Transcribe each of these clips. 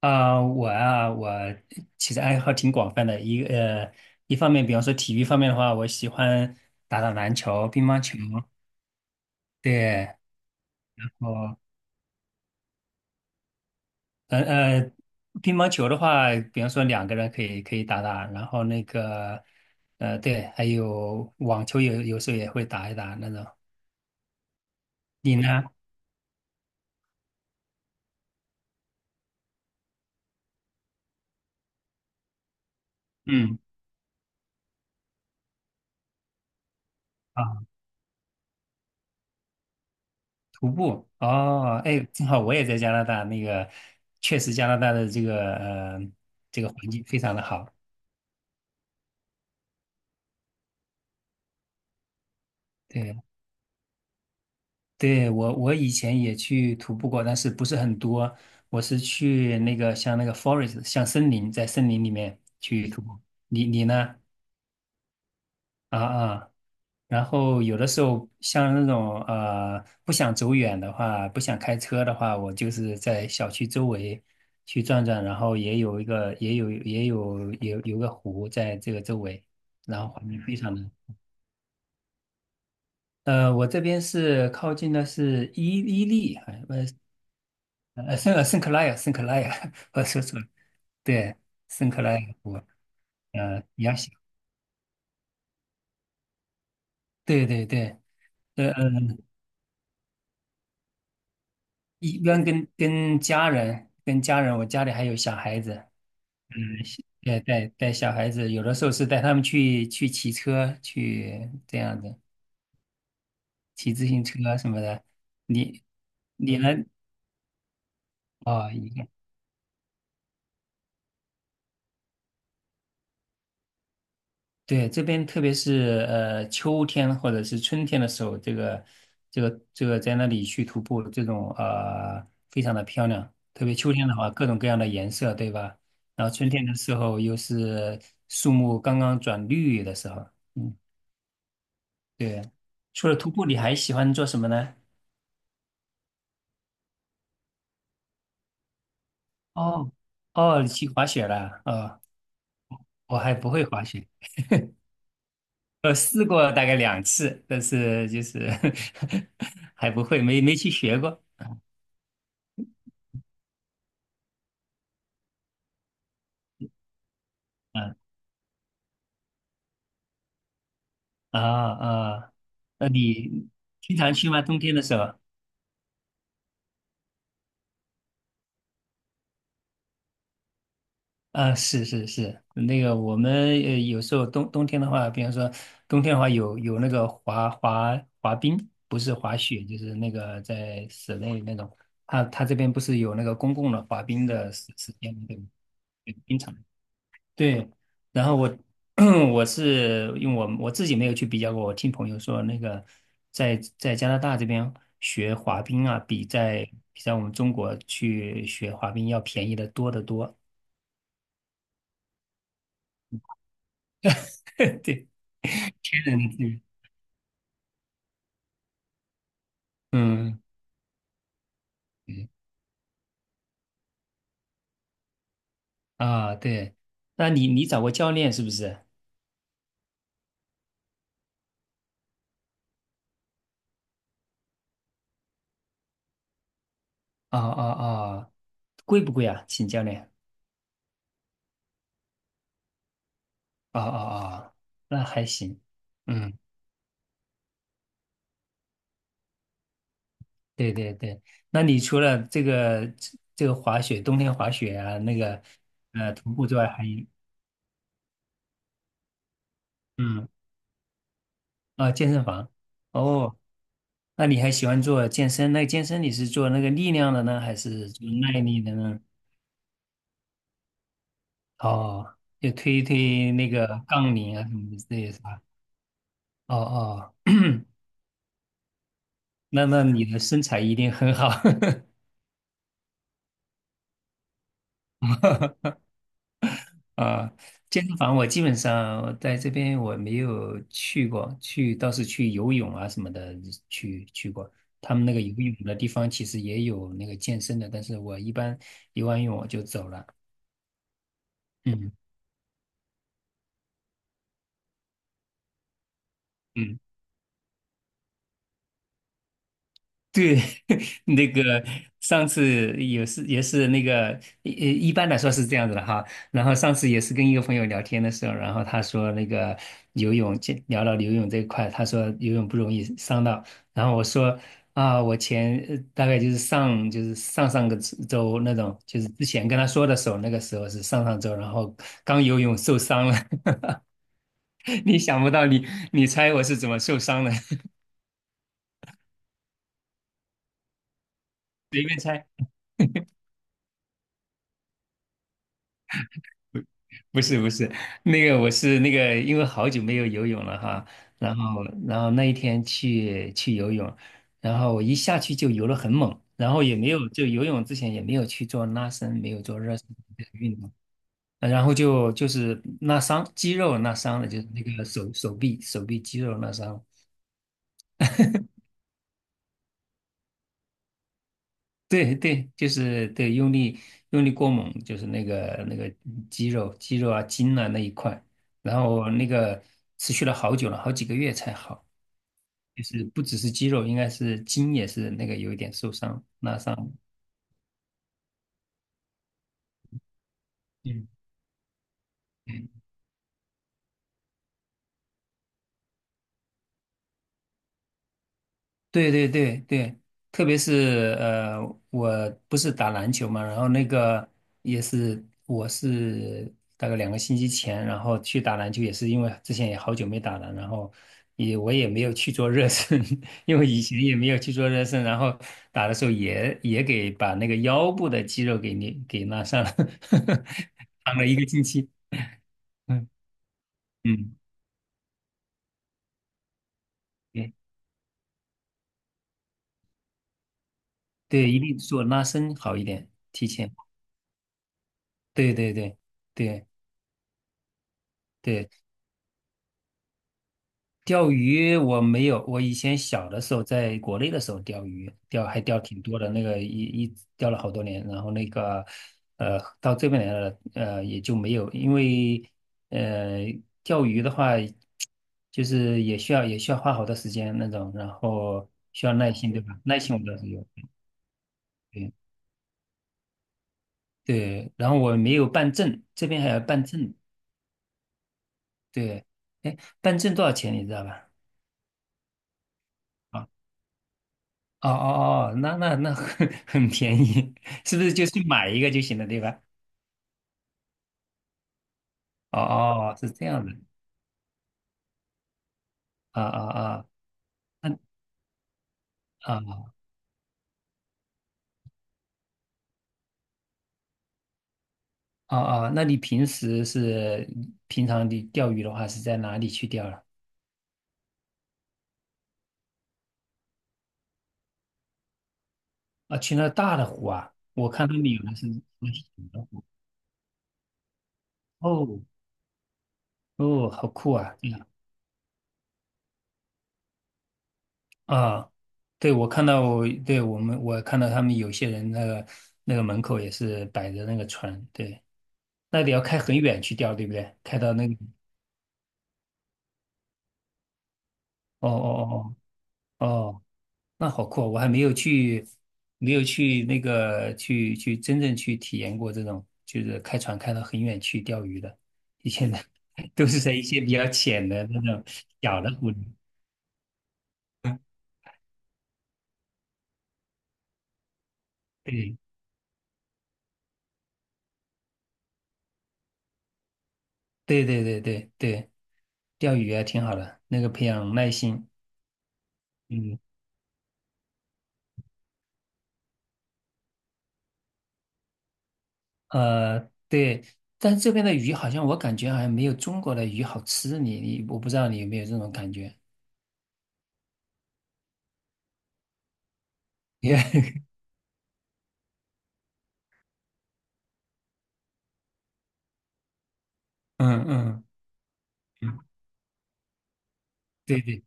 我其实爱好挺广泛的。一方面，比方说体育方面的话，我喜欢打打篮球、乒乓球。对。哦。呃呃，乒乓球的话，比方说两个人可以打打，然后那个，对，还有网球有时候也会打一打那种。你呢？嗯。啊，徒步哦。哎，正好我也在加拿大，那个确实加拿大的这个环境非常的好。对。对，我以前也去徒步过，但是不是很多。我是去那个像那个 forest，像森林，在森林里面去徒步。你呢？啊啊，然后有的时候像那种不想走远的话，不想开车的话，我就是在小区周围去转转，然后也有也有也有有个湖在这个周围，然后环境非常的。我这边是靠近的是伊利，还圣克莱尔，圣克莱尔，我说错了，对，圣克莱尔湖。杨喜，对对对。呃嗯，一般跟家人，跟家人，我家里还有小孩子。嗯，是对带带小孩子，有的时候是带他们去骑车，去这样子，骑自行车什么的。你你呢？哦，对，这边特别是秋天或者是春天的时候，这个在那里去徒步，这种非常的漂亮。特别秋天的话，各种各样的颜色，对吧？然后春天的时候又是树木刚刚转绿的时候。嗯，对。除了徒步，你还喜欢做什么呢？哦哦，你去滑雪了？哦，我还不会滑雪。试过大概两次，但是就是 还不会，没去学过。啊啊啊，那你经常去吗？冬天的时候？啊，是是是，那个我们有时候冬天的话，比方说冬天的话有那个滑冰，不是滑雪，就是那个在室内那种。他这边不是有那个公共的滑冰的时间吗？对吗？对冰场。对，然后我 我是因为我自己没有去比较过，我听朋友说那个在加拿大这边学滑冰啊，比在我们中国去学滑冰要便宜的多得多。对。嗯嗯嗯。啊，对，那你找过教练是不是？啊啊啊，贵不贵啊？请教练。啊啊啊，那还行。嗯。对对对，那你除了这个滑雪，冬天滑雪啊，那个徒步之外，还有嗯健身房哦。那你还喜欢做健身？那健身你是做那个力量的呢，还是做耐力的呢？哦，就推一推那个杠铃啊什么之类的是吧？哦哦，那你的身材一定很好。啊，健身房我基本上在这边我没有去过，去倒是去游泳啊什么的去过。他们那个游泳的地方其实也有那个健身的，但是我一般游完泳我就走了。嗯嗯。对。那个上次也是那个一般来说是这样子的哈。然后上次也是跟一个朋友聊天的时候，然后他说那个游泳，就聊到游泳这一块，他说游泳不容易伤到。然后我说啊，我前大概就是上上个周那种，就是之前跟他说的时候，那个时候是上上周，然后刚游泳受伤了。你想不到你，你猜我是怎么受伤的？随便猜。不是不是，那个我是那个，因为好久没有游泳了哈。然后那一天去游泳，然后我一下去就游了很猛，然后也没有就游泳之前也没有去做拉伸，没有做热身的运动，然后就是拉伤肌肉拉伤了，就是那个手臂肌肉拉伤了。对对，就是对用力过猛，就是那个肌肉啊筋啊那一块，然后那个持续了好久了，好几个月才好。就是不只是肌肉，应该是筋也是那个有一点受伤拉伤。嗯嗯。对对对对，特别是我不是打篮球嘛。然后那个也是我是大概两个星期前，然后去打篮球，也是因为之前也好久没打了，然后也我也没有去做热身。因为以前也没有去做热身，然后打的时候也给把那个腰部的肌肉给你给拉伤了，躺了一个星期。嗯嗯。对，一定做拉伸好一点，提前。对对对对对，钓鱼我没有，我以前小的时候在国内的时候钓鱼，钓还钓挺多的，那个钓了好多年，然后那个到这边来了。也就没有，因为呃钓鱼的话，就是也需要花好多时间那种，然后需要耐心，对吧？耐心我倒是有。对对，然后我没有办证，这边还要办证，对。哎，办证多少钱你知道吧？啊。哦哦哦，那很 很便宜，是不是就去买一个就行了，对吧？哦哦，是这样的。啊啊啊。那啊啊啊，那你平时是平常你钓鱼的话是在哪里去钓了？啊，去那大的湖啊，我看他们有的是那小的湖。哦哦，好酷啊。对呀。啊。对，我看到我，对，我们，我看到他们有些人那个门口也是摆着那个船，对。那得要开很远去钓，对不对？开到那个，哦哦哦哦哦，那好酷哦！我还没有去，没有去那个去真正去体验过这种，就是开船开到很远去钓鱼的。以前的 都是在一些比较浅的那种小的湖里。对对对对对对，钓鱼啊挺好的，那个培养耐心。嗯呃，对，但是这边的鱼好像我感觉好像没有中国的鱼好吃，你我不知道你有没有这种感觉。嗯嗯。嗯。对对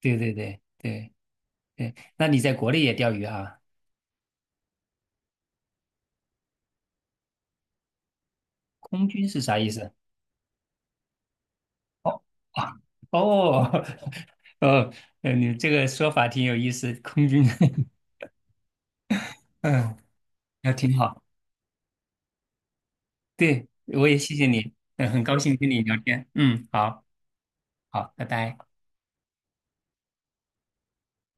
对对对对对，那你在国内也钓鱼啊？空军是啥意思？哦。啊。哦。 哦，你这个说法挺有意思，空军。嗯，那挺好。对，我也谢谢你。嗯，很高兴跟你聊天。嗯，好。好，拜拜。